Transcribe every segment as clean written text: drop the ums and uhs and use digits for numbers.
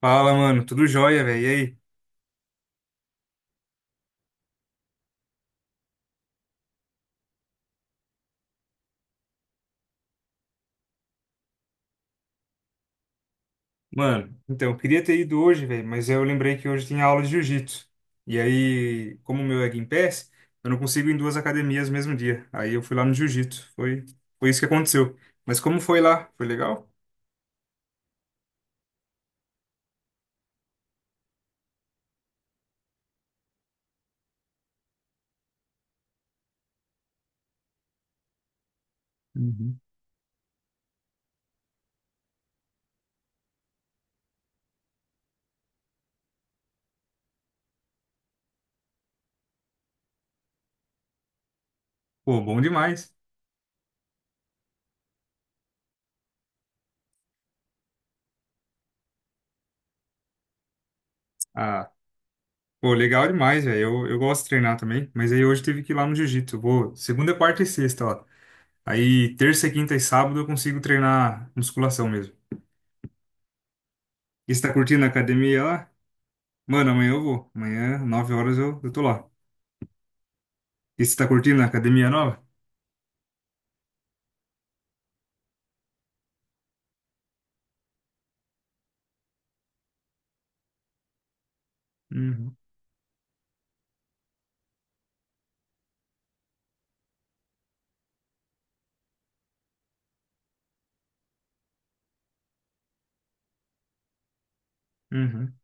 Fala, mano. Tudo jóia, velho. E aí? Mano, então, eu queria ter ido hoje, velho, mas eu lembrei que hoje tinha aula de jiu-jitsu. E aí, como o meu é Gympass, eu não consigo ir em duas academias no mesmo dia. Aí eu fui lá no jiu-jitsu. Foi isso que aconteceu. Mas como foi lá? Foi legal? Uhum. Pô, bom demais. Ah, pô, legal demais, velho. Eu gosto de treinar também, mas aí hoje tive que ir lá no jiu-jitsu. Eu Vou segunda, quarta e sexta, ó. Aí terça, quinta e sábado eu consigo treinar musculação mesmo. E você tá curtindo a academia lá? Mano, amanhã eu vou. Amanhã, 9 horas, eu tô lá. E você tá curtindo a academia nova? Uhum, uhum.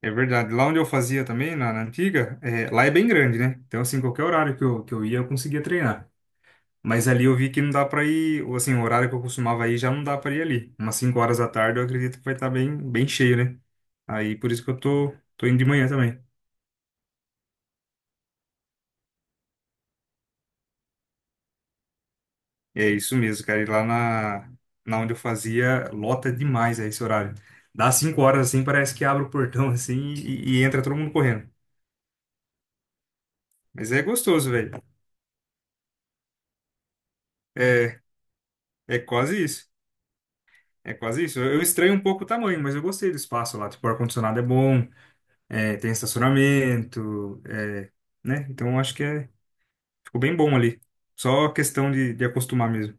É verdade. Lá onde eu fazia também, na antiga, é, lá é bem grande, né? Então, assim, qualquer horário que eu ia, eu conseguia treinar. Mas ali eu vi que não dá pra ir, ou assim, o horário que eu costumava ir já não dá pra ir ali. Umas 5 horas da tarde, eu acredito que vai estar bem, bem cheio, né? Aí, por isso que eu tô indo de manhã também. É isso mesmo, cara. E lá na, na onde eu fazia, lota demais a esse horário. Dá 5 horas assim, parece que abre o portão assim e entra todo mundo correndo. Mas é gostoso, velho. É, é quase isso. É quase isso. Eu estranho um pouco o tamanho, mas eu gostei do espaço lá. Tipo, o ar-condicionado é bom, é, tem estacionamento, é, né? Então eu acho que é, ficou bem bom ali. Só questão de acostumar mesmo.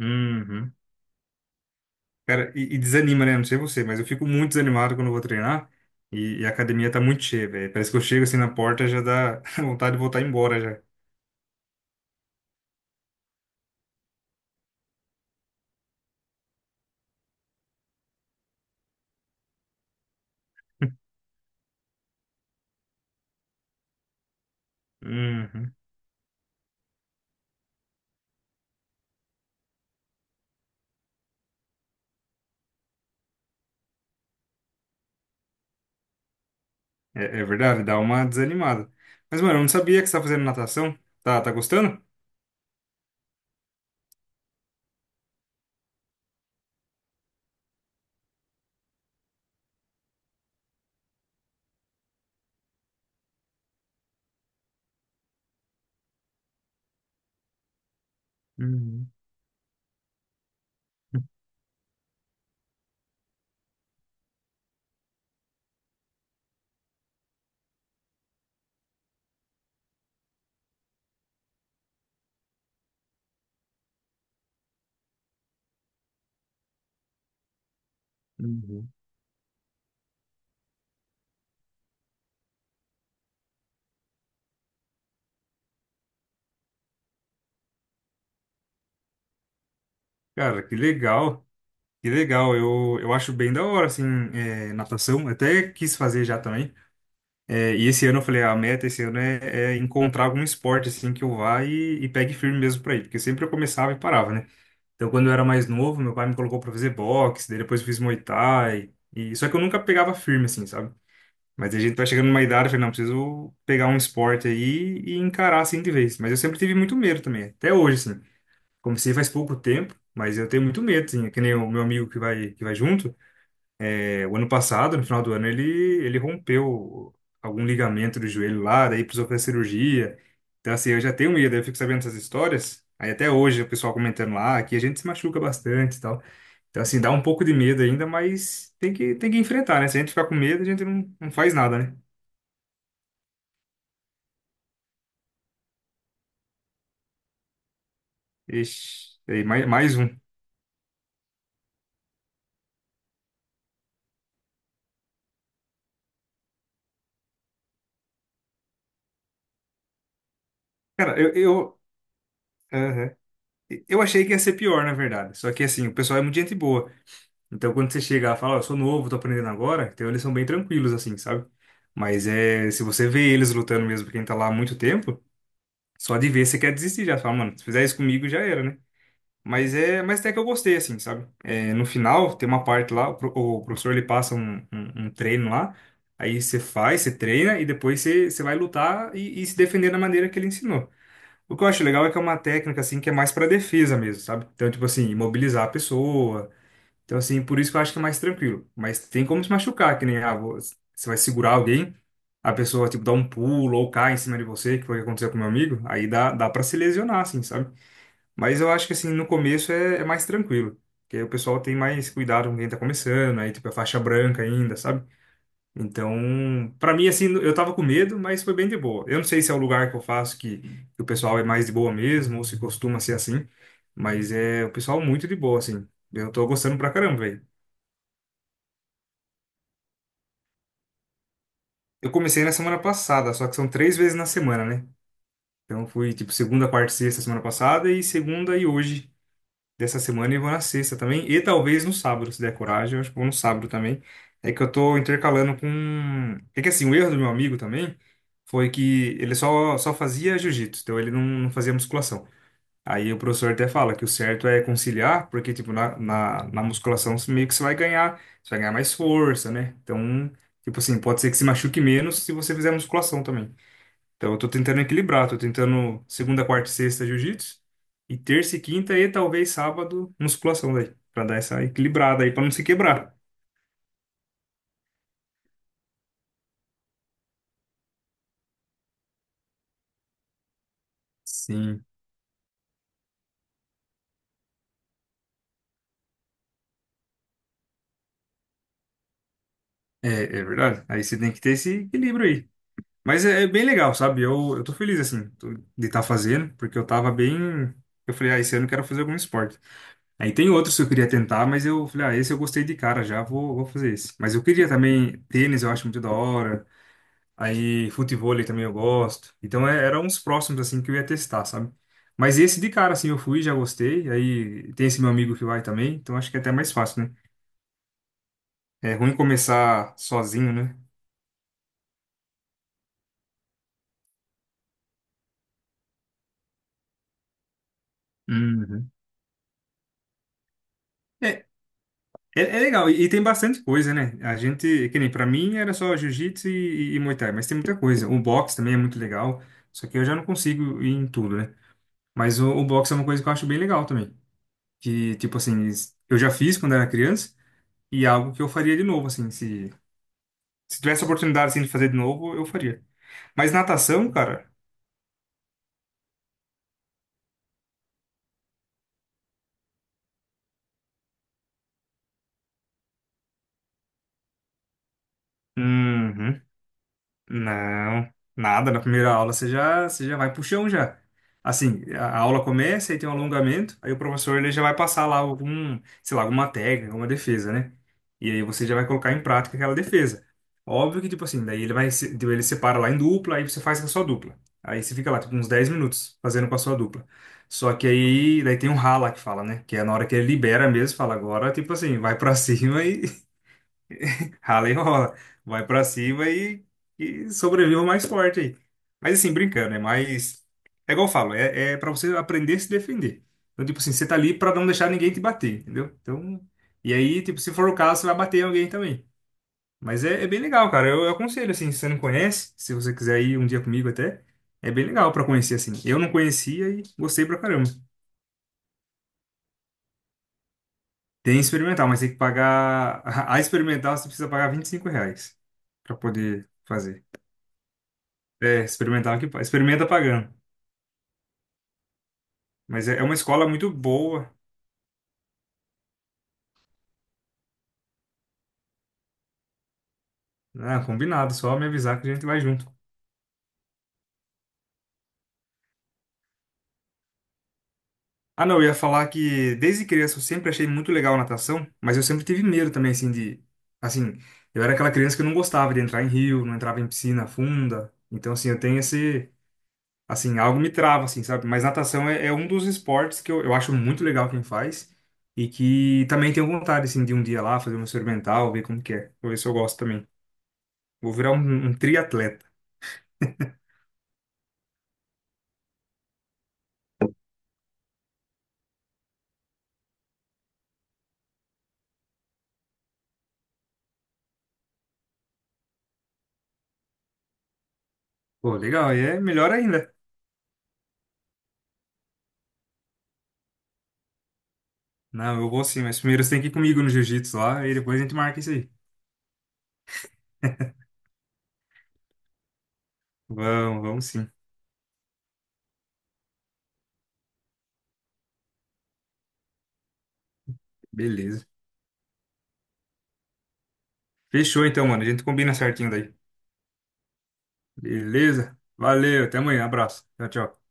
Uhum. Cara, e desanima, né? Não sei você, mas eu fico muito desanimado quando eu vou treinar e a academia tá muito cheia, velho. Parece que eu chego assim na porta já dá vontade de voltar embora já. Uhum. É verdade, dá uma desanimada. Mas, mano, eu não sabia que você tá fazendo natação. Tá gostando? Uhum. Uhum. Cara, que legal, que legal. Eu acho bem da hora, assim, é, natação. Eu Até quis fazer já também. É, e esse ano eu falei, "Ah, a meta esse ano é encontrar algum esporte assim que eu vá e pegue firme mesmo pra ir, porque sempre eu começava e parava, né? Então quando eu era mais novo, meu pai me colocou pra fazer boxe, daí depois eu fiz Muay Thai, e só que eu nunca pegava firme assim, sabe? Mas a gente vai chegando numa idade, eu falei, não, preciso pegar um esporte aí e encarar assim de vez. Mas eu sempre tive muito medo também, até hoje assim. Comecei faz pouco tempo, mas eu tenho muito medo, assim, é que nem o meu amigo que vai junto. É, O ano passado, no final do ano, ele rompeu algum ligamento do joelho lá, daí precisou fazer cirurgia. Então, assim, eu já tenho medo, eu fico sabendo essas histórias. Aí até hoje o pessoal comentando lá, aqui a gente se machuca bastante e tal. Então, assim, dá um pouco de medo ainda, mas tem que enfrentar, né? Se a gente ficar com medo, a gente não faz nada, né? Ixi, aí, mais um. Cara, aham. Eu achei que ia ser pior, na verdade. Só que, assim, o pessoal é muito gente boa. Então, quando você chega e fala, ó, eu sou novo, tô aprendendo agora, então eles são bem tranquilos, assim, sabe? Mas é, se você vê eles lutando mesmo, quem tá lá há muito tempo, só de ver você quer desistir já. Você Fala, mano, se fizer isso comigo já era, né? Mas é, mas até que eu gostei, assim, sabe? É, no final, tem uma parte lá, o, pro- o professor ele passa um treino lá, aí você faz, você treina e depois você vai lutar e se defender da maneira que ele ensinou. O que eu acho legal é que é uma técnica, assim, que é mais pra defesa mesmo, sabe? Então, tipo assim, imobilizar a pessoa então, assim, por isso que eu acho que é mais tranquilo. Mas tem como se machucar, que nem, ah, você vai segurar alguém, a pessoa, tipo, dá um pulo ou cai em cima de você, que foi o que aconteceu com meu amigo, aí dá pra se lesionar, assim, sabe? Mas eu acho que, assim, no começo é mais tranquilo. Porque aí o pessoal tem mais cuidado com quem tá começando, aí, tipo, é faixa branca ainda, sabe? Então, pra mim, assim, eu tava com medo, mas foi bem de boa. Eu não sei se é o lugar que eu faço que o pessoal é mais de boa mesmo, ou se costuma ser assim, mas é o pessoal muito de boa, assim. Eu tô gostando pra caramba, velho. Eu comecei na semana passada, só que são três vezes na semana, né? Então fui tipo segunda, quarta, e sexta semana passada e segunda e hoje dessa semana e vou na sexta também. E talvez no sábado, se der coragem, eu acho que vou no sábado também. É que eu tô intercalando com. É que assim, o erro do meu amigo também foi que ele só fazia jiu-jitsu, então ele não fazia musculação. Aí o professor até fala que o certo é conciliar, porque, tipo, na musculação você meio que você vai ganhar mais força, né? Então, tipo assim, pode ser que se machuque menos se você fizer musculação também. Então, eu tô tentando equilibrar, tô tentando segunda, quarta e sexta jiu-jitsu, e terça e quinta e talvez sábado musculação daí, pra dar essa equilibrada aí, pra não se quebrar. Sim, é, é verdade. Aí você tem que ter esse equilíbrio aí. Mas é, é bem legal, sabe? Eu tô feliz, assim, de estar fazendo, porque eu tava bem. Eu falei, ah, esse ano eu quero fazer algum esporte. Aí tem outros que eu queria tentar, mas eu falei, ah, esse eu gostei de cara já, vou fazer esse. Mas eu queria também tênis, eu acho muito da hora. Aí futevôlei também eu gosto. Então é, eram uns próximos, assim, que eu ia testar, sabe? Mas esse de cara, assim, eu fui, já gostei. Aí tem esse meu amigo que vai também, então acho que é até mais fácil, né? É ruim começar sozinho, né? Uhum. É, é legal, e tem bastante coisa, né? A gente, que nem pra mim era só jiu-jitsu e Muay Thai, mas tem muita coisa. O boxe também é muito legal, só que eu já não consigo ir em tudo, né? Mas o boxe é uma coisa que eu acho bem legal também. Que, tipo assim, eu já fiz quando era criança e é algo que eu faria de novo, assim, se tivesse a oportunidade, assim, de fazer de novo, eu faria. Mas natação, cara, uhum. Não, nada. Na primeira aula você já vai pro chão já. Assim, a aula começa e tem um alongamento, aí o professor ele já vai passar lá algum, sei lá, alguma técnica, alguma defesa, né? E aí você já vai colocar em prática aquela defesa. Óbvio que, tipo assim, daí ele vai, tipo, ele separa lá em dupla, aí você faz com a sua dupla. Aí você fica lá, tipo, uns 10 minutos fazendo com a sua dupla. Só que aí, daí tem um rala que fala, né? Que é na hora que ele libera mesmo, fala agora, tipo assim, vai pra cima Rala e rola. Vai pra cima e sobreviva mais forte aí. Mas assim, brincando, né? Mas é igual eu falo, é para você aprender a se defender. Então, tipo assim, você tá ali pra não deixar ninguém te bater, entendeu? Então, e aí, tipo, se for o caso, você vai bater em alguém também. Mas é, é bem legal, cara. Eu aconselho, assim, se você não conhece, se você quiser ir um dia comigo até, é bem legal pra conhecer, assim. Eu não conhecia e gostei pra caramba. Tem experimental, mas tem que pagar. A experimental você precisa pagar R$ 25 pra poder fazer. É, experimentar que experimenta pagando. Mas é, é uma escola muito boa. Ah, combinado, só me avisar que a gente vai junto. Ah, não, eu ia falar que desde criança eu sempre achei muito legal natação, mas eu sempre tive medo também, assim, de. Assim, eu era aquela criança que não gostava de entrar em rio, não entrava em piscina funda. Então, assim, eu tenho esse. Assim, algo me trava, assim, sabe? Mas natação é um dos esportes que eu acho muito legal quem faz e que também tenho vontade, assim, de um dia lá fazer uma experimental, ver como que é. Vou ver se eu gosto também. Vou virar um triatleta. Pô, legal, e é melhor ainda. Não, eu vou sim, mas primeiro você tem que ir comigo no jiu-jitsu lá e depois a gente marca isso aí. Vamos, vamos sim. Beleza. Fechou então, mano. A gente combina certinho daí. Beleza? Valeu, até amanhã. Abraço. Tchau, tchau.